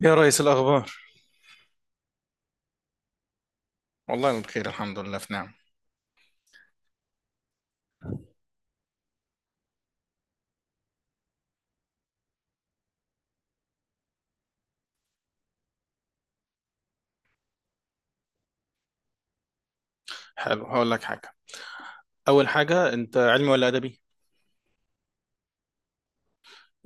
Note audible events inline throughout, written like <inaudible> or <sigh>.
يا ريس، الأخبار؟ والله بخير، الحمد لله، في نعم. حلو، هقول لك حاجة. أول حاجة، أنت علمي ولا أدبي؟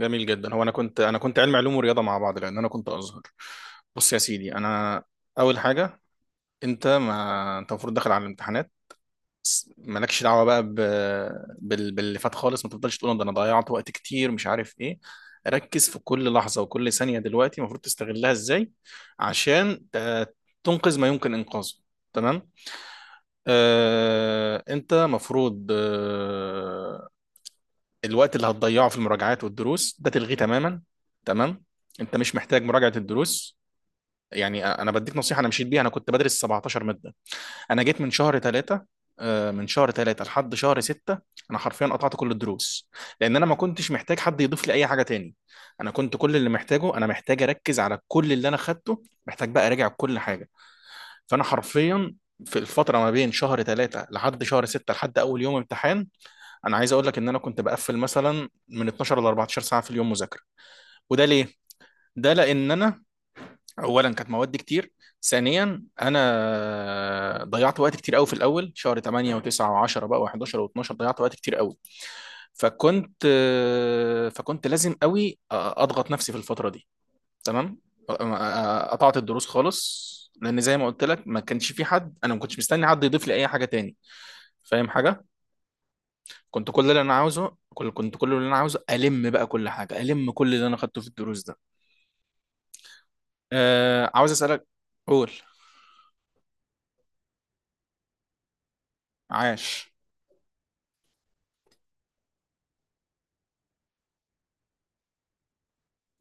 جميل جدا. هو أنا كنت علمي علوم ورياضة مع بعض، لأن أنا كنت أزهر. بص يا سيدي، أنا أول حاجة، أنت، ما أنت المفروض داخل على الامتحانات، بس مالكش دعوة بقى باللي فات خالص. ما تفضلش تقول ده أنا ضيعت وقت كتير مش عارف إيه. ركز في كل لحظة وكل ثانية دلوقتي المفروض تستغلها إزاي، عشان تنقذ ما يمكن إنقاذه. تمام. آه، انت مفروض آه، الوقت اللي هتضيعه في المراجعات والدروس ده تلغيه تماما. تمام، انت مش محتاج مراجعة الدروس. يعني انا بديك نصيحة انا مشيت بيها، انا كنت بدرس 17 مادة. انا جيت من شهر 3، من شهر 3 لحد شهر 6. انا حرفيا قطعت كل الدروس، لان انا ما كنتش محتاج حد يضيف لي اي حاجة تاني. انا كنت كل اللي محتاجه، انا محتاج اركز على كل اللي انا خدته، محتاج بقى اراجع كل حاجة. فانا حرفيا في الفتره ما بين شهر 3 لحد شهر 6 لحد اول يوم امتحان، انا عايز اقول لك ان انا كنت بقفل مثلا من 12 ل 14 ساعه في اليوم مذاكره. وده ليه؟ ده لان انا، اولا كانت مواد كتير، ثانيا انا ضيعت وقت كتير قوي في الاول شهر 8 و9 و10 بقى و11 و12، ضيعت وقت كتير قوي. فكنت فكنت لازم قوي اضغط نفسي في الفتره دي. تمام. قطعت الدروس خالص، لان زي ما قلت لك ما كانش في حد، انا ما كنتش مستني حد يضيف لي اي حاجه تاني، فاهم حاجه؟ كنت كل اللي انا عاوزه الم بقى كل حاجه، الم كل اللي انا خدته في الدروس ده. آه، عاوز اسالك، قول. عاش.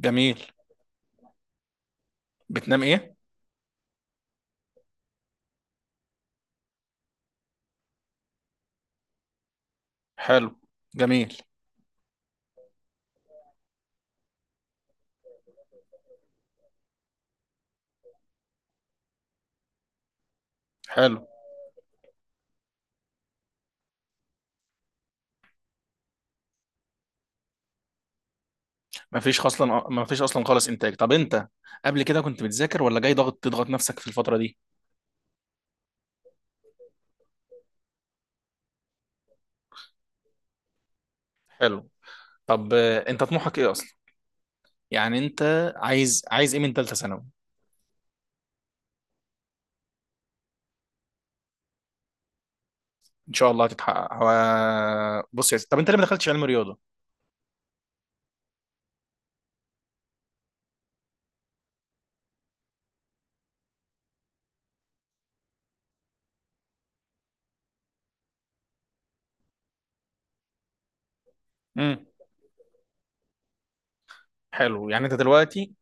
جميل. بتنام ايه؟ حلو. جميل. حلو. ما فيش اصلا خالص انتاج. طب انت قبل كده كنت بتذاكر ولا جاي تضغط نفسك في الفتره دي؟ حلو. طب، انت طموحك ايه اصلا؟ يعني انت عايز ايه من ثالثه ثانوي؟ ان شاء الله هتتحقق. بص يا سيدي، طب انت ليه ما دخلتش علم رياضه؟ امم حلو، يعني انت دلوقتي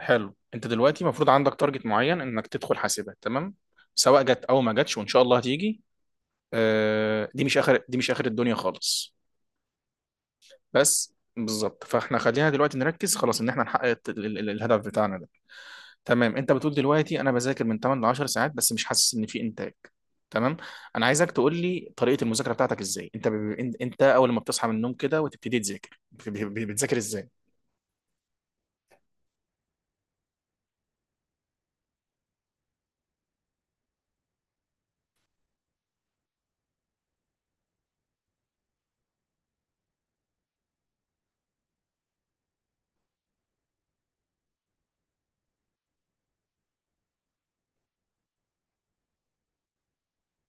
حلو انت دلوقتي المفروض عندك تارجت معين انك تدخل حاسبات. تمام، سواء جت او ما جاتش، وان شاء الله هتيجي. دي مش اخر الدنيا خالص. بس بالظبط، فاحنا خلينا دلوقتي نركز خلاص ان احنا نحقق الهدف بتاعنا. تمام. انت بتقول دلوقتي انا بذاكر من 8 ل 10 ساعات بس مش حاسس ان في انتاج. تمام. انا عايزك تقول لي طريقه المذاكره بتاعتك ازاي. انت انت اول ما بتصحى من النوم كده وتبتدي تذاكر، بتذاكر ازاي؟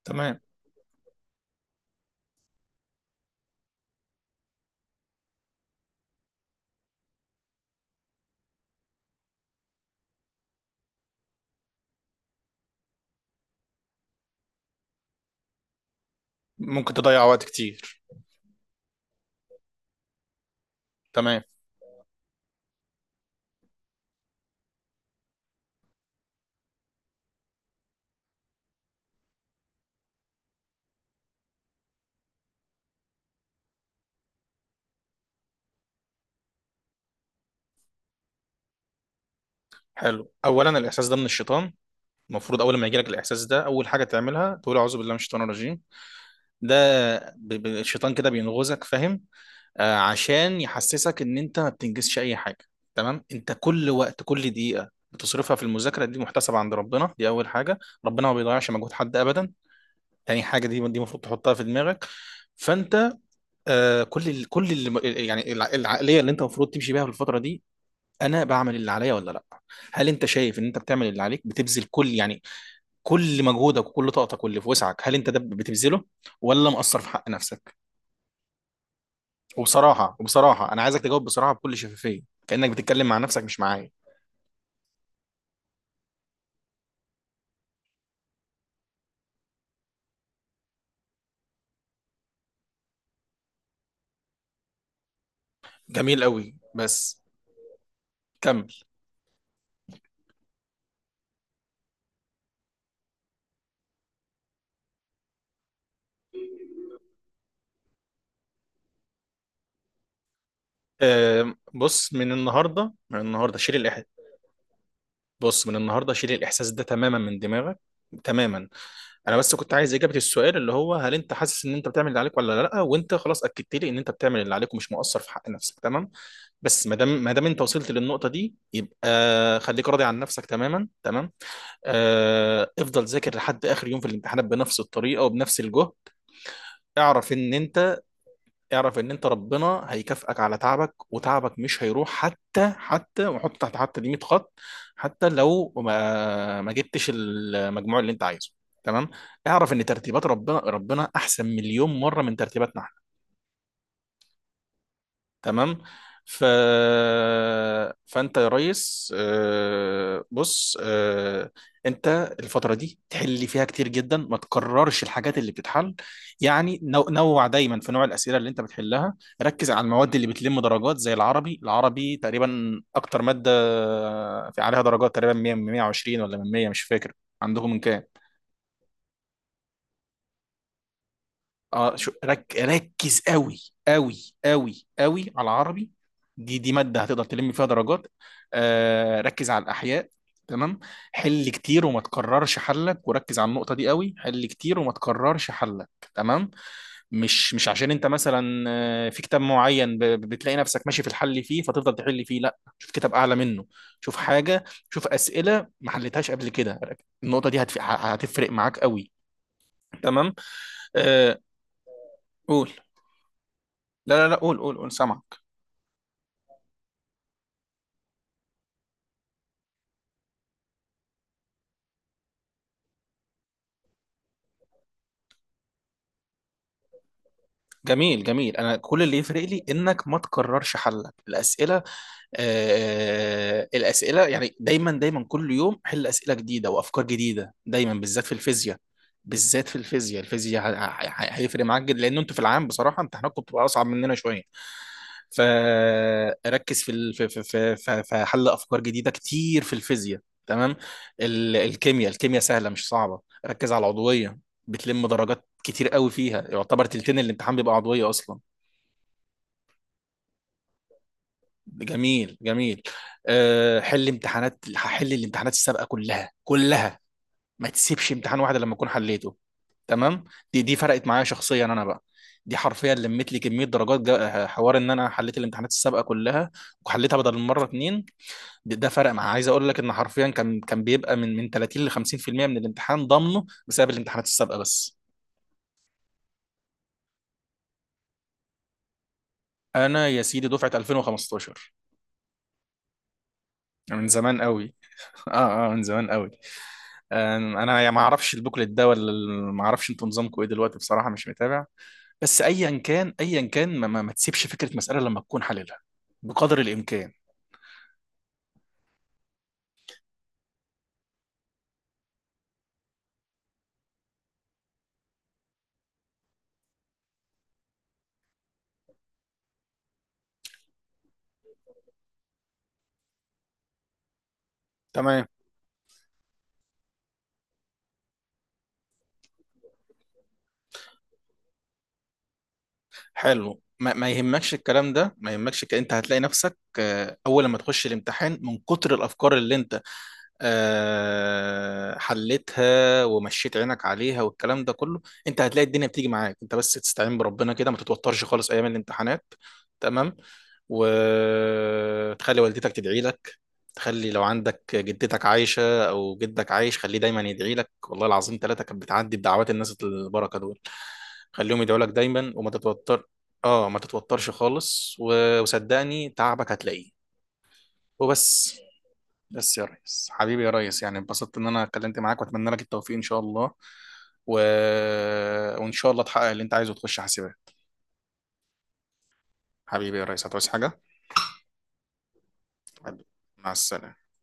تمام. ممكن تضيع وقت كتير. تمام. حلو، اولا الاحساس ده من الشيطان. المفروض اول ما يجيلك الاحساس ده، اول حاجه تعملها تقول اعوذ بالله من الشيطان الرجيم. ده الشيطان كده بينغزك، فاهم؟ عشان يحسسك ان انت ما بتنجزش اي حاجه. تمام. انت كل وقت، كل دقيقه بتصرفها في المذاكره دي محتسبه عند ربنا، دي اول حاجه. ربنا ما بيضيعش مجهود حد ابدا، تاني حاجه. دي المفروض تحطها في دماغك. فانت، آه كل اللي، يعني العقليه اللي انت المفروض تمشي بيها في الفتره دي، انا بعمل اللي عليا ولا لا؟ هل انت شايف ان انت بتعمل اللي عليك؟ بتبذل كل يعني كل مجهودك وكل طاقتك واللي في وسعك، هل انت ده بتبذله، ولا مقصر في حق نفسك؟ وبصراحه انا عايزك تجاوب بصراحه بكل شفافيه، كانك بتتكلم مع نفسك مش معايا. جميل قوي، بس كمل. آه، بص، من النهارده، من النهارده شيل بص من النهارده شيل الاحساس ده تماما من دماغك، تماما. انا بس كنت عايز اجابه السؤال اللي هو هل انت حاسس ان انت بتعمل اللي عليك ولا لا، وانت خلاص اكدت لي ان انت بتعمل اللي عليك ومش مقصر في حق نفسك. تمام. بس، ما دام انت وصلت للنقطه دي، يبقى خليك راضي عن نفسك تماما. تمام. آه، افضل ذاكر لحد اخر يوم في الامتحانات بنفس الطريقه وبنفس الجهد. اعرف ان انت اعرف ان انت ربنا هيكافئك على تعبك، وتعبك مش هيروح، حتى حتى وحط تحت حتى دي 100 خط. حتى لو ما جبتش المجموع اللي انت عايزه، تمام. اعرف ان ترتيبات ربنا احسن مليون مره من ترتيباتنا. تمام. ف... فانت يا ريس، آه، بص آه، انت الفتره دي تحل فيها كتير جدا، ما تكررش الحاجات اللي بتتحل. يعني نوع، دايما في نوع الاسئله اللي انت بتحلها. ركز على المواد اللي بتلم درجات زي العربي تقريبا اكتر ماده في عليها درجات، تقريبا 100 من 120 ولا من 100، مش فاكر. عندهم من كام؟ اه، شو رك ركز قوي، قوي قوي قوي على العربي. دي ماده هتقدر تلم فيها درجات. آه، ركز على الاحياء، تمام. حل كتير، وما تكررش حلك، وركز على النقطه دي قوي. حل كتير وما تكررش حلك، تمام. مش عشان انت مثلا، آه، في كتاب معين بتلاقي نفسك ماشي في الحل فيه فتفضل تحل فيه، لا، شوف كتاب اعلى منه. شوف حاجه، شوف اسئله ما حلتهاش قبل كده. النقطه دي هتفرق معاك قوي، تمام. آه، قول. لا لا لا، قول قول قول، سامعك. جميل جميل. انا كل اللي يفرق لي انك ما تكررش حلك الاسئله. الاسئله يعني دايما دايما، كل يوم حل اسئله جديده وافكار جديده دايما، بالذات في الفيزياء. بالذات في الفيزياء، الفيزياء هيفرق معاك جدا، لان انتوا في العام بصراحه امتحاناتكم بتبقى اصعب مننا شويه. فركز في في حل افكار جديده كتير في الفيزياء، تمام. الكيمياء سهله مش صعبه. ركز على العضويه، بتلم درجات كتير قوي فيها، يعتبر تلتين الامتحان بيبقى عضويه اصلا. جميل جميل. حل امتحانات، هحل الامتحانات السابقه كلها كلها، ما تسيبش امتحان واحد لما اكون حليته. تمام. دي فرقت معايا شخصيا انا بقى. دي حرفيا لمت لي كميه درجات، حوار ان انا حليت الامتحانات السابقه كلها وحليتها بدل المره 2. ده فرق معاه. عايز اقول لك ان حرفيا كان بيبقى من 30 ل 50% من الامتحان ضامنه بسبب الامتحانات السابقه بس. انا يا سيدي دفعه 2015، من زمان قوي <laughs> اه اه، من زمان قوي. انا يا ما اعرفش البوكلت ده ولا ما اعرفش انتوا نظامكم ايه دلوقتي، بصراحه مش متابع. بس ايا كان ايا كان، ما تسيبش فكره مساله لما تكون حللها، بقدر الامكان. تمام. حلو، ما يهمكش الكلام ده، ما يهمكش انت هتلاقي نفسك، آه، اول لما تخش الامتحان من كتر الافكار اللي انت، آه، حلتها ومشيت عينك عليها والكلام ده كله، انت هتلاقي الدنيا بتيجي معاك. انت بس تستعين بربنا كده، ما تتوترش خالص ايام الامتحانات، تمام. وتخلي والدتك تدعي لك. تخلي لو عندك جدتك عايشة أو جدك عايش، خليه دايما يدعي لك. والله العظيم ثلاثة كانت بتعدي بدعوات الناس البركة دول. خليهم يدعوا لك دايما وما تتوتر. اه، ما تتوترش خالص، وصدقني تعبك هتلاقيه، وبس. بس يا ريس حبيبي، يا ريس، يعني انبسطت ان انا اتكلمت معاك، واتمنى لك التوفيق ان شاء الله. و... وان شاء الله تحقق اللي انت عايزه وتخش حاسبات. حبيبي يا ريس، هتعوز حاجة؟ حبيبي. مع السلامة.